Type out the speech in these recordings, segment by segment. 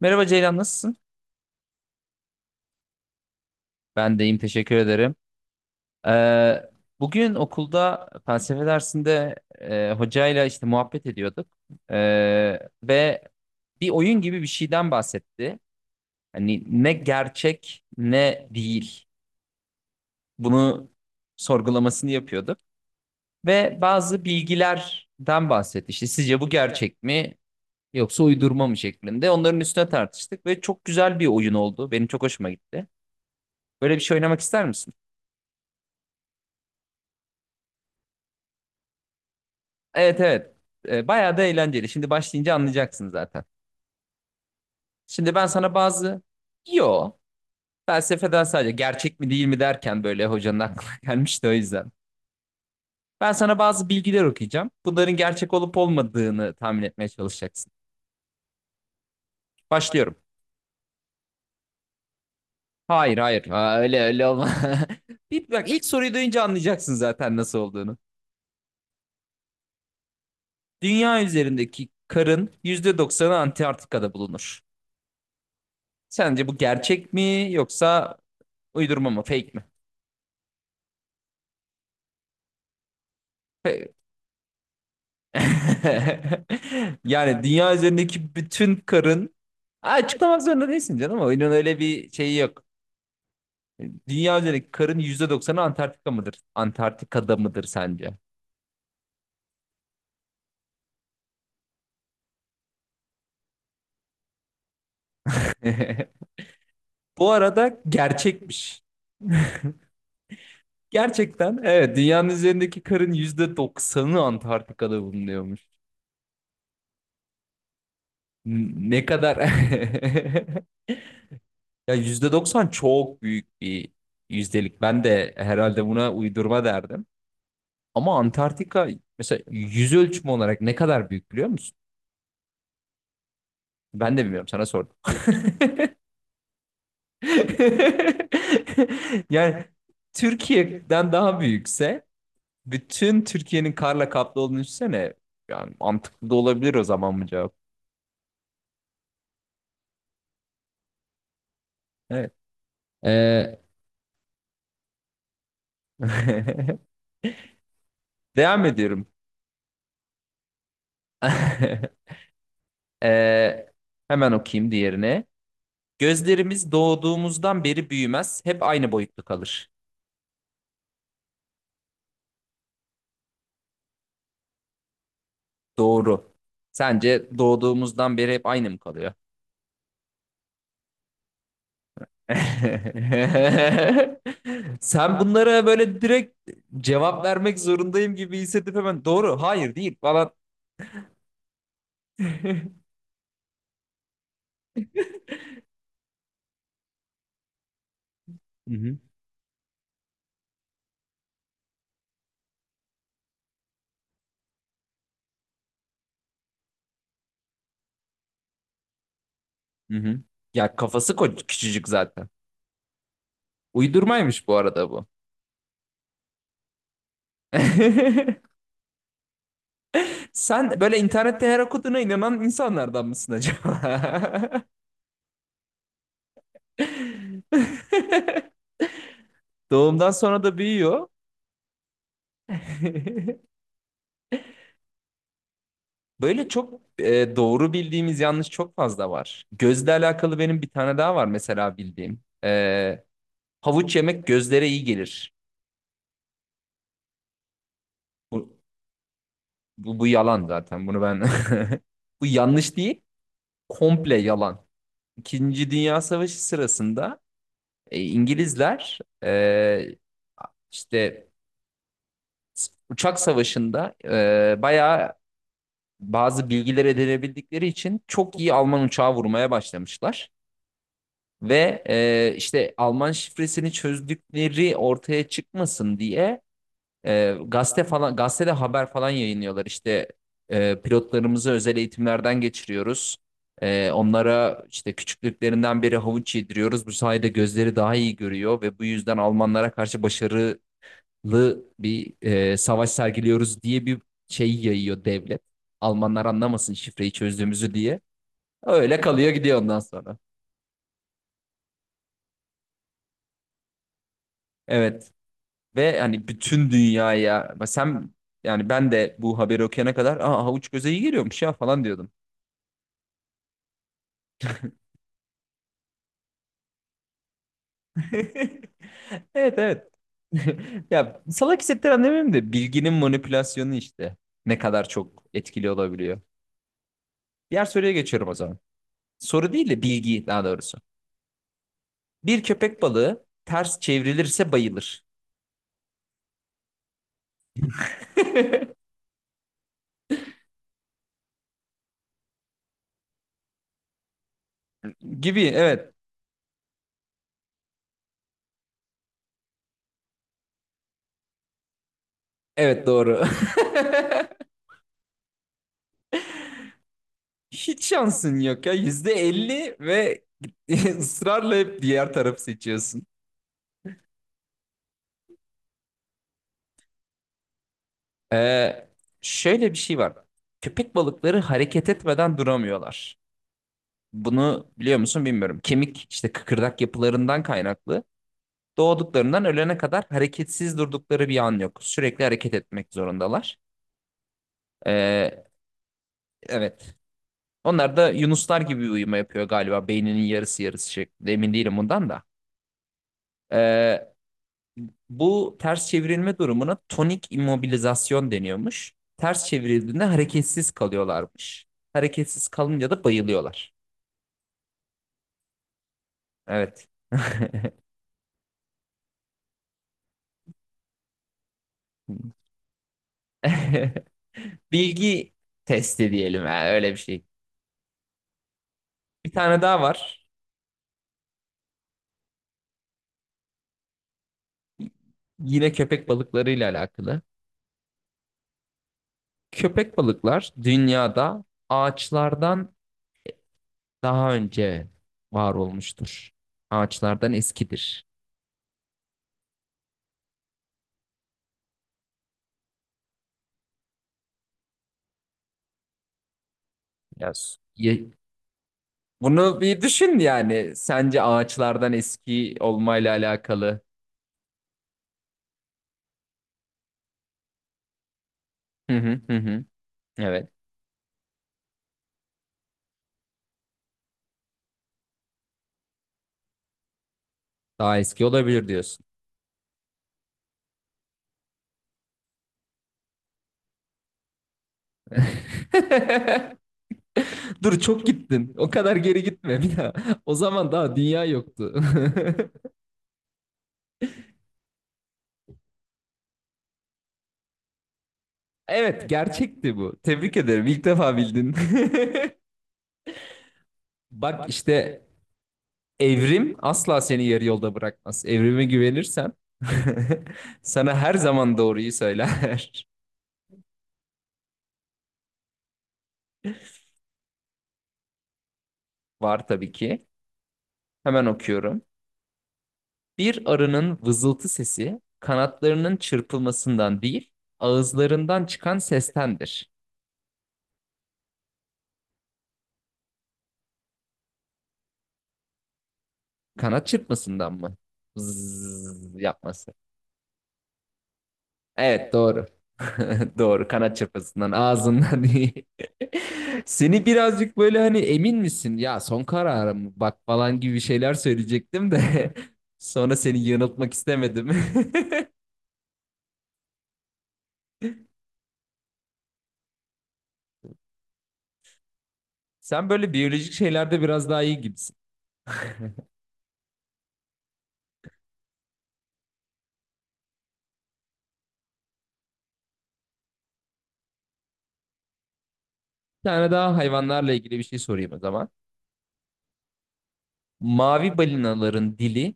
Merhaba Ceylan, nasılsın? Ben de iyiyim, teşekkür ederim. Ee, Bugün okulda felsefe dersinde hocayla işte muhabbet ediyorduk. Ve bir oyun gibi bir şeyden bahsetti. Hani ne gerçek ne değil. Bunu sorgulamasını yapıyorduk. Ve bazı bilgilerden bahsetti. İşte sizce bu gerçek mi yoksa uydurma mı şeklinde. Onların üstüne tartıştık ve çok güzel bir oyun oldu. Benim çok hoşuma gitti. Böyle bir şey oynamak ister misin? Evet, evet. Bayağı da eğlenceli. Şimdi başlayınca anlayacaksın zaten. Şimdi ben sana bazı yo felsefeden sadece gerçek mi değil mi derken böyle hocanın aklına gelmişti o yüzden. Ben sana bazı bilgiler okuyacağım. Bunların gerçek olup olmadığını tahmin etmeye çalışacaksın. Başlıyorum. Hayır, hayır. Ha, öyle öyle olma. Bir bak, ilk soruyu duyunca anlayacaksın zaten nasıl olduğunu. Dünya üzerindeki karın %90 Antarktika'da bulunur. Sence bu gerçek mi yoksa uydurma mı, fake mi? Yani dünya üzerindeki bütün karın. Ha, açıklamak zorunda değilsin canım. Oyunun öyle bir şeyi yok. Dünya üzerindeki karın yüzde doksanı Antarktika mıdır? Antarktika'da mıdır sence? Bu arada gerçekmiş. Gerçekten, evet, dünyanın üzerindeki karın %90 Antarktika'da bulunuyormuş. Ne kadar ya, %90 çok büyük bir yüzdelik. Ben de herhalde buna uydurma derdim. Ama Antarktika mesela yüz ölçümü olarak ne kadar büyük biliyor musun? Ben de bilmiyorum, sana sordum. Yani Türkiye'den daha büyükse bütün Türkiye'nin karla kaplı olduğunu düşünsene. Yani mantıklı da olabilir o zaman bu cevap. Evet. Ee, Devam ediyorum. Ee, Hemen okuyayım diğerine. Gözlerimiz doğduğumuzdan beri büyümez, hep aynı boyutta kalır. Doğru. Sence doğduğumuzdan beri hep aynı mı kalıyor? Sen bunlara böyle direkt cevap vermek zorundayım gibi hissedip hemen doğru, hayır değil falan. Hı hı. Hı hı. Ya kafası küçücük zaten. Uydurmaymış bu arada bu. Sen böyle internette her okuduğuna inanan insanlardan mısın acaba? Doğumdan sonra da büyüyor. Böyle çok doğru bildiğimiz yanlış çok fazla var. Gözle alakalı benim bir tane daha var mesela bildiğim. Havuç yemek gözlere iyi gelir. Bu, bu yalan zaten. Bunu ben bu yanlış değil. Komple yalan. İkinci Dünya Savaşı sırasında İngilizler işte uçak savaşında bayağı bazı bilgiler edinebildikleri için çok iyi Alman uçağı vurmaya başlamışlar. Ve işte Alman şifresini çözdükleri ortaya çıkmasın diye gazetede haber falan yayınlıyorlar. İşte pilotlarımızı özel eğitimlerden geçiriyoruz. Onlara işte küçüklüklerinden beri havuç yediriyoruz. Bu sayede gözleri daha iyi görüyor ve bu yüzden Almanlara karşı başarılı bir savaş sergiliyoruz diye bir şey yayıyor devlet. Almanlar anlamasın şifreyi çözdüğümüzü diye. Öyle kalıyor gidiyor ondan sonra. Evet. Ve hani bütün dünyaya sen, yani ben de bu haberi okuyana kadar aa, havuç göze iyi geliyormuş ya falan diyordum. Evet, evet. Ya, salak hissettiren demeyeyim de bilginin manipülasyonu işte ne kadar çok etkili olabiliyor. Diğer soruya geçiyorum o zaman. Soru değil de bilgi daha doğrusu. Bir köpek balığı ters çevrilirse bayılır. Gibi, evet. Evet, doğru. Hiç şansın yok ya. %50 ve ısrarla hep diğer tarafı seçiyorsun. Ee, Şöyle bir şey var. Köpek balıkları hareket etmeden duramıyorlar. Bunu biliyor musun bilmiyorum. Kemik işte, kıkırdak yapılarından kaynaklı. Doğduklarından ölene kadar hareketsiz durdukları bir an yok. Sürekli hareket etmek zorundalar. Ee, evet. Onlar da yunuslar gibi uyuma yapıyor galiba. Beyninin yarısı yarısı şeklinde. Emin değilim bundan da. Ee, Bu ters çevrilme durumuna tonik immobilizasyon deniyormuş. Ters çevrildiğinde hareketsiz kalıyorlarmış. Hareketsiz kalınca da bayılıyorlar. Evet. Bilgi testi diyelim, ha, öyle bir şey. Bir tane daha var. Yine köpek balıklarıyla alakalı. Köpek balıklar dünyada ağaçlardan daha önce var olmuştur. Ağaçlardan eskidir. Yaz. Bunu bir düşün yani. Sence ağaçlardan eski olmayla alakalı. Hı hı, hı hı. Evet. Daha eski olabilir diyorsun. Dur, çok gittin. O kadar geri gitme bir daha. O zaman daha dünya yoktu. Evet, gerçekti bu. Tebrik ederim. İlk defa bildin. Bak işte, evrim asla seni yarı yolda bırakmaz. Evrime güvenirsen sana her zaman doğruyu söyler. Var tabii ki. Hemen okuyorum. Bir arının vızıltı sesi kanatlarının çırpılmasından değil, ağızlarından çıkan sestendir. Kanat çırpmasından mı? Zzz yapması. Evet, doğru. Doğru, kanat çırpmasından, ağzından değil. Seni birazcık böyle hani emin misin, ya son kararım mı, bak falan gibi şeyler söyleyecektim de sonra seni yanıltmak istemedim. Sen böyle biyolojik şeylerde biraz daha iyi gibisin. Bir tane daha hayvanlarla ilgili bir şey sorayım o zaman. Mavi balinaların dili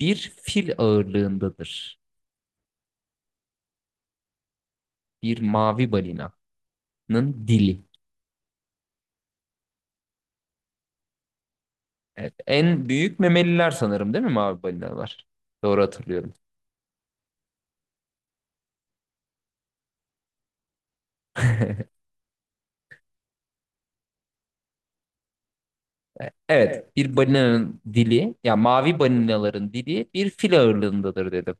bir fil ağırlığındadır. Bir mavi balinanın dili. Evet, en büyük memeliler sanırım, değil mi mavi balinalar? Doğru hatırlıyorum. Evet, evet, bir balinanın dili, ya mavi balinaların dili bir fil ağırlığındadır dedim.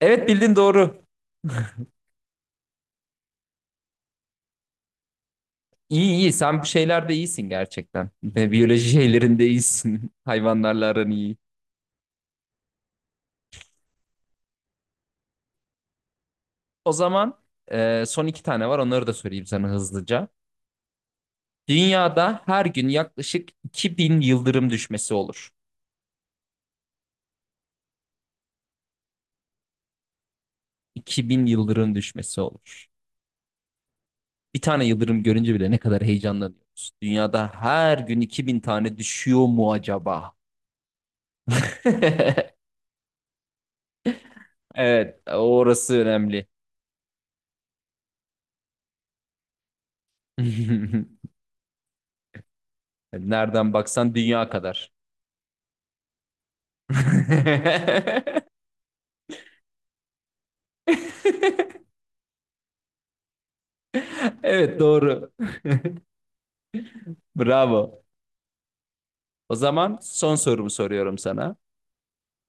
Evet, bildin doğru. İyi iyi, sen bir şeylerde iyisin gerçekten. Ve biyoloji şeylerinde iyisin. Hayvanlarla aran iyi. O zaman son iki tane var, onları da söyleyeyim sana hızlıca. Dünyada her gün yaklaşık 2.000 yıldırım düşmesi olur. 2.000 yıldırım düşmesi olur. Bir tane yıldırım görünce bile ne kadar heyecanlanıyoruz. Dünyada her gün 2.000 tane düşüyor mu acaba? Evet, orası önemli. Nereden baksan dünya kadar. Evet, doğru. Bravo. O zaman son sorumu soruyorum sana.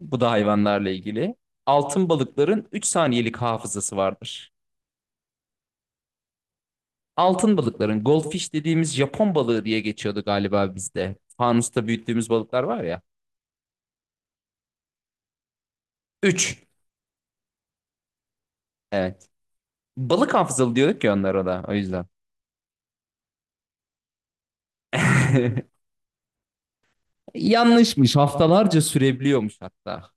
Bu da hayvanlarla ilgili. Altın balıkların 3 saniyelik hafızası vardır. Altın balıkların, goldfish dediğimiz, Japon balığı diye geçiyordu galiba bizde. Fanusta büyüttüğümüz balıklar var ya. 3. Evet. Balık hafızalı diyorduk ya onlara da, o yüzden. Yanlışmış. Haftalarca sürebiliyormuş hatta.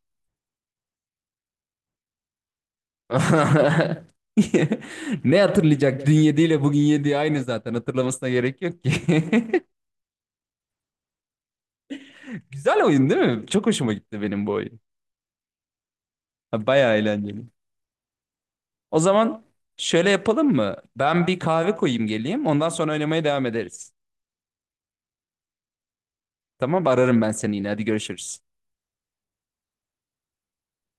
Ne hatırlayacak? Dün yediyle bugün yediği aynı zaten. Hatırlamasına gerek yok ki. Güzel oyun, değil mi? Çok hoşuma gitti benim bu oyun. Ha, bayağı eğlenceli. O zaman şöyle yapalım mı: Ben bir kahve koyayım geleyim. Ondan sonra oynamaya devam ederiz. Tamam, ararım ben seni yine. Hadi görüşürüz.